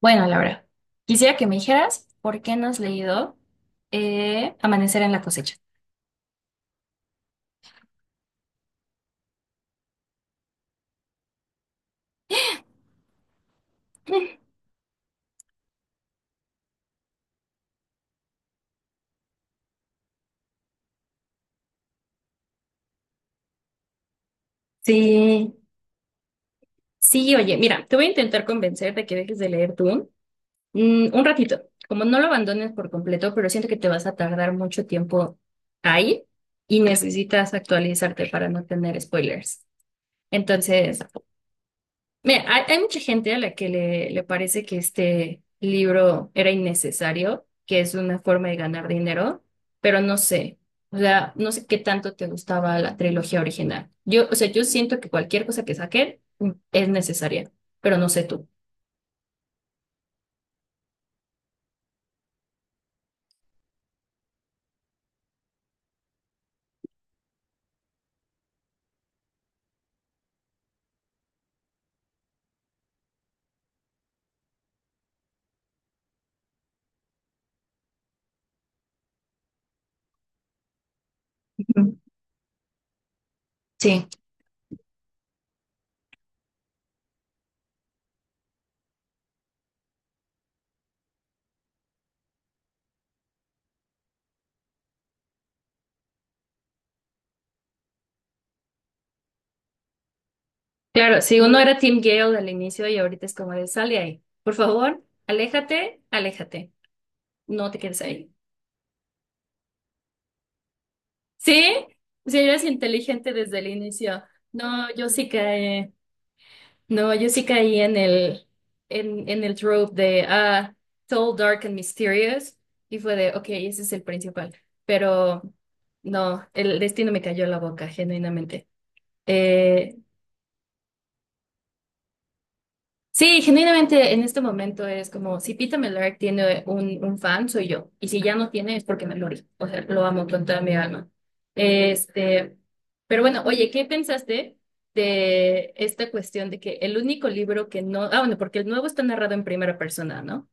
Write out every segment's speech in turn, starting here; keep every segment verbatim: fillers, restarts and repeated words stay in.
Bueno, Laura, quisiera que me dijeras por qué no has leído eh, Amanecer en la cosecha. Sí, sí, oye, mira, te voy a intentar convencer de que dejes de leer tú mm, un ratito, como no lo abandones por completo, pero siento que te vas a tardar mucho tiempo ahí y necesitas actualizarte para no tener spoilers. Entonces, mira, hay, hay mucha gente a la que le, le parece que este libro era innecesario, que es una forma de ganar dinero, pero no sé, o sea, no sé qué tanto te gustaba la trilogía original. Yo, o sea, yo siento que cualquier cosa que saquen mm, es necesaria, pero no sé tú. Ujú. Sí. Claro, si uno era Team Gale al inicio y ahorita es como de sale ahí, por favor, aléjate, aléjate, no te quedes ahí. ¿Sí? Si eres inteligente desde el inicio, no, yo sí que... No, yo sí caí en el, en, en el trope de ah, Tall, Dark and Mysterious y fue de, ok, ese es el principal, pero no, el destino me cayó en la boca, genuinamente. Eh, Sí, genuinamente en este momento es como si Peter Mellark tiene un, un fan, soy yo. Y si ya no tiene es porque me lo morí. O sea, lo amo con toda mi alma. Este, pero bueno, oye, ¿qué pensaste de esta cuestión de que el único libro que no, ah, bueno, porque el nuevo está narrado en primera persona, ¿no?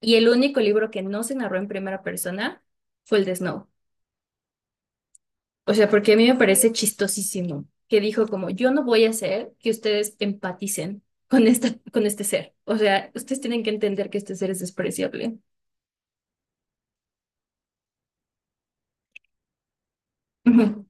Y el único libro que no se narró en primera persona fue el de Snow. O sea, porque a mí me parece chistosísimo que dijo como, yo no voy a hacer que ustedes empaticen con esta, con este ser. O sea, ustedes tienen que entender que este ser es despreciable. Ujú.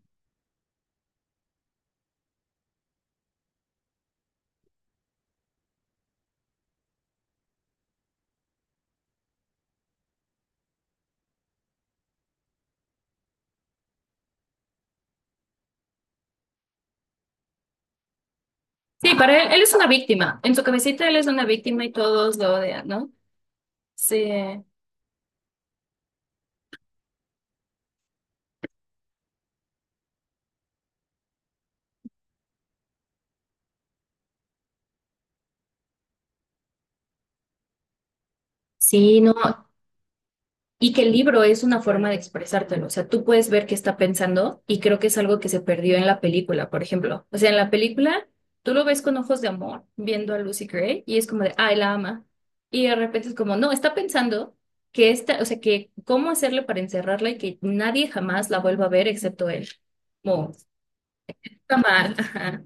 Sí, para él, él es una víctima. En su cabecita él es una víctima y todos lo odian, ¿no? Sí. Sí, no y que el libro es una forma de expresártelo. O sea, tú puedes ver qué está pensando y creo que es algo que se perdió en la película, por ejemplo. O sea, en la película tú lo ves con ojos de amor viendo a Lucy Gray y es como de, ay, la ama. Y de repente es como, no, está pensando que esta, o sea, que cómo hacerle para encerrarla y que nadie jamás la vuelva a ver excepto él. Como, está mal. Ajá.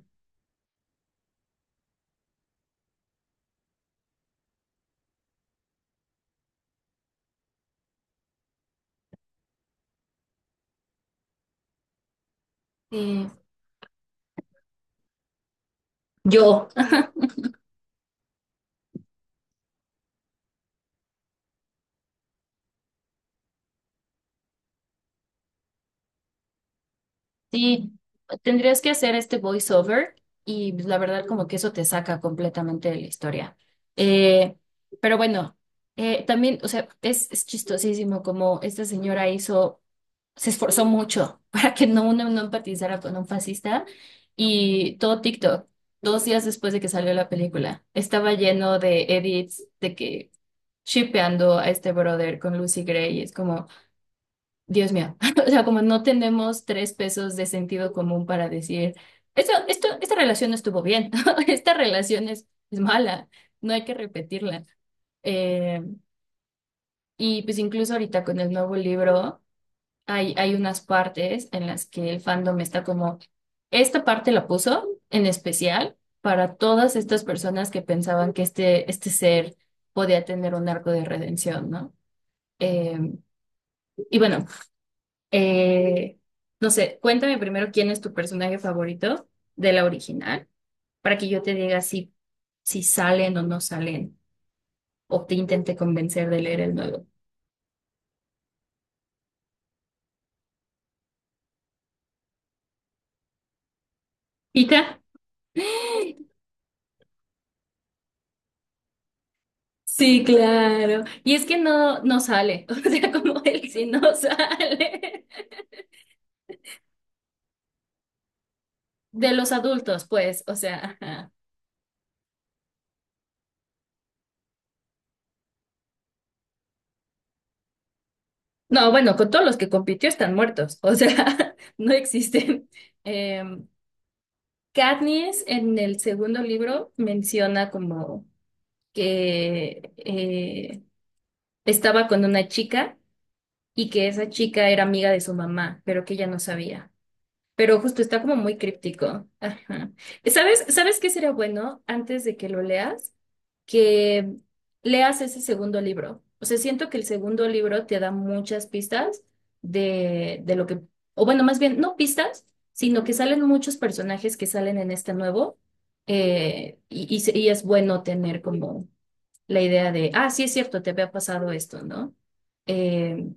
Sí. Yo. Sí, tendrías que hacer este voiceover y pues, la verdad como que eso te saca completamente de la historia. Eh, pero bueno, eh, también, o sea, es, es chistosísimo como esta señora hizo, se esforzó mucho para que no uno no empatizara con un fascista y todo TikTok, dos días después de que salió la película, estaba lleno de edits de que shippeando a este brother con Lucy Gray y es como... Dios mío, o sea, como no tenemos tres pesos de sentido común para decir, esto, esto, esta relación no estuvo bien, esta relación es, es mala, no hay que repetirla. Eh, y pues incluso ahorita con el nuevo libro hay, hay unas partes en las que el fandom está como, esta parte la puso en especial para todas estas personas que pensaban que este, este ser podía tener un arco de redención, ¿no? Eh, y bueno, Eh, no sé, cuéntame primero quién es tu personaje favorito de la original, para que yo te diga si, si salen o no salen, o te intente convencer de leer el nuevo. ¿Pita? Sí, claro. Y es que no, no sale, o sea, como él sí no sale. De los adultos, pues, o sea, ajá. No, bueno, con todos los que compitió están muertos, o sea, no existen. Eh, Katniss en el segundo libro menciona como que eh, estaba con una chica y que esa chica era amiga de su mamá, pero que ella no sabía. Pero justo está como muy críptico. Ajá. ¿Sabes, sabes qué sería bueno antes de que lo leas? Que leas ese segundo libro. O sea, siento que el segundo libro te da muchas pistas de, de lo que, o bueno, más bien, no pistas, sino que salen muchos personajes que salen en este nuevo. Eh, y, y se- y es bueno tener como la idea de, ah, sí es cierto, te había pasado esto, ¿no? Eh,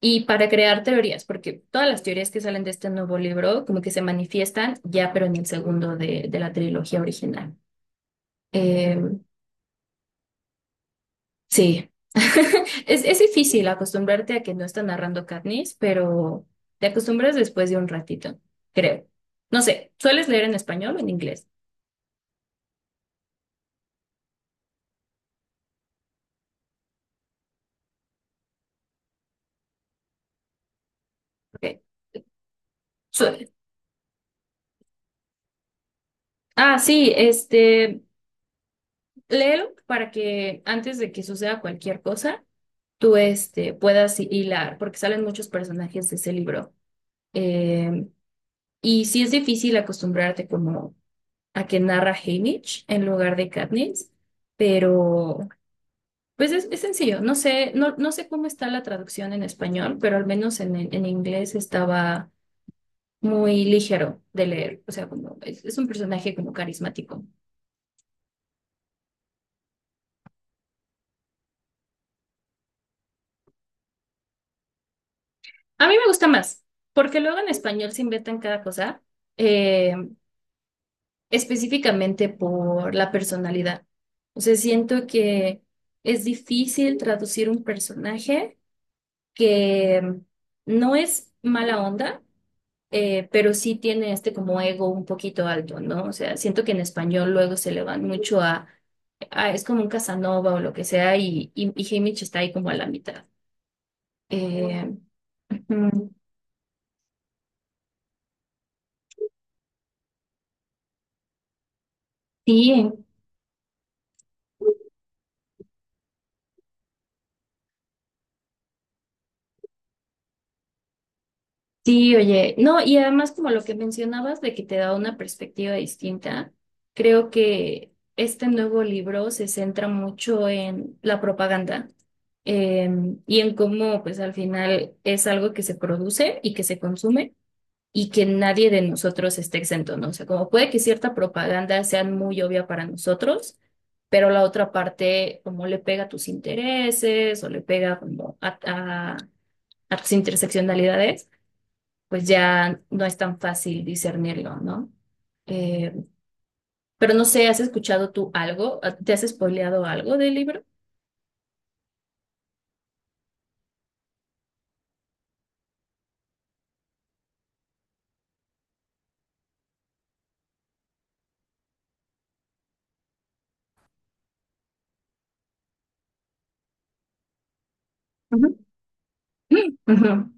y para crear teorías, porque todas las teorías que salen de este nuevo libro como que se manifiestan ya, pero en el segundo de, de la trilogía original. Eh, sí, es, es difícil acostumbrarte a que no está narrando Katniss, pero te acostumbras después de un ratito, creo. No sé, ¿sueles leer en español o en inglés? Ok, suele. Ah, sí, este, léelo para que antes de que suceda cualquier cosa, tú este, puedas hilar, porque salen muchos personajes de ese libro. Eh, y sí es difícil acostumbrarte como a que narra Haymitch en lugar de Katniss, pero pues es, es sencillo. No sé, no, no sé cómo está la traducción en español, pero al menos en, en inglés estaba muy ligero de leer. O sea, como es, es un personaje como carismático. A mí me gusta más, porque luego en español se inventan cada cosa. Eh, específicamente por la personalidad. O sea, siento que es difícil traducir un personaje que mm, no es mala onda, eh, pero sí tiene este como ego un poquito alto, ¿no? O sea, siento que en español luego se le van mucho a, a- es como un Casanova o lo que sea, y, y, y Haymitch está ahí como a la mitad. Eh, ujú. Sí, sí, oye, no, y además como lo que mencionabas de que te da una perspectiva distinta, creo que este nuevo libro se centra mucho en la propaganda eh, y en cómo pues al final es algo que se produce y que se consume y que nadie de nosotros esté exento, ¿no? O sea, como puede que cierta propaganda sea muy obvia para nosotros, pero la otra parte como le pega a tus intereses o le pega como a a- a tus interseccionalidades pues ya no es tan fácil discernirlo, ¿no? Eh, pero no sé, ¿has escuchado tú algo? Ah, ¿te has spoileado algo del libro? Ujú. Ujú.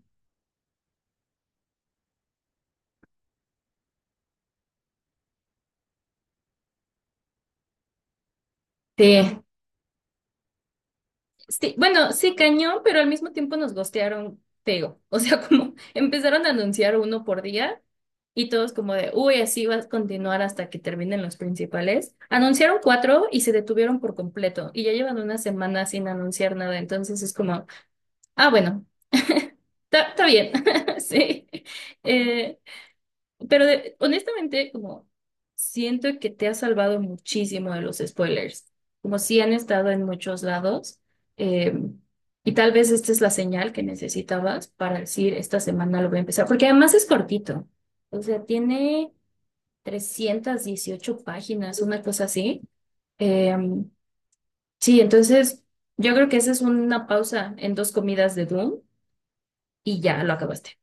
Sí, sí, bueno, sí, cañón, pero al mismo tiempo nos gostearon feo. O sea, como empezaron a anunciar uno por día y todos como de, uy, así va a continuar hasta que terminen los principales. Anunciaron cuatro y se detuvieron por completo y ya llevan una semana sin anunciar nada. Entonces es como, ah, bueno, está, está bien, sí. Eh, pero de- honestamente, como siento que te ha salvado muchísimo de los spoilers, como si han estado en muchos lados, eh, y tal vez esta es la señal que necesitabas para decir, esta semana lo voy a empezar, porque además es cortito, o sea, tiene trescientas dieciocho páginas, una cosa así. Eh, sí, entonces yo creo que esa es una pausa en dos comidas de Doom y ya lo acabaste.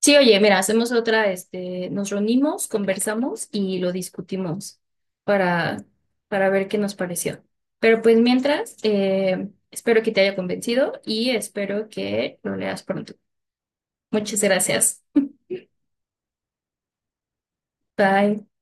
Sí, oye, mira, hacemos otra, este, nos reunimos, conversamos y lo discutimos para, para ver qué nos pareció. Pero pues mientras, eh, espero que te haya convencido y espero que lo leas pronto. Muchas gracias. Bye.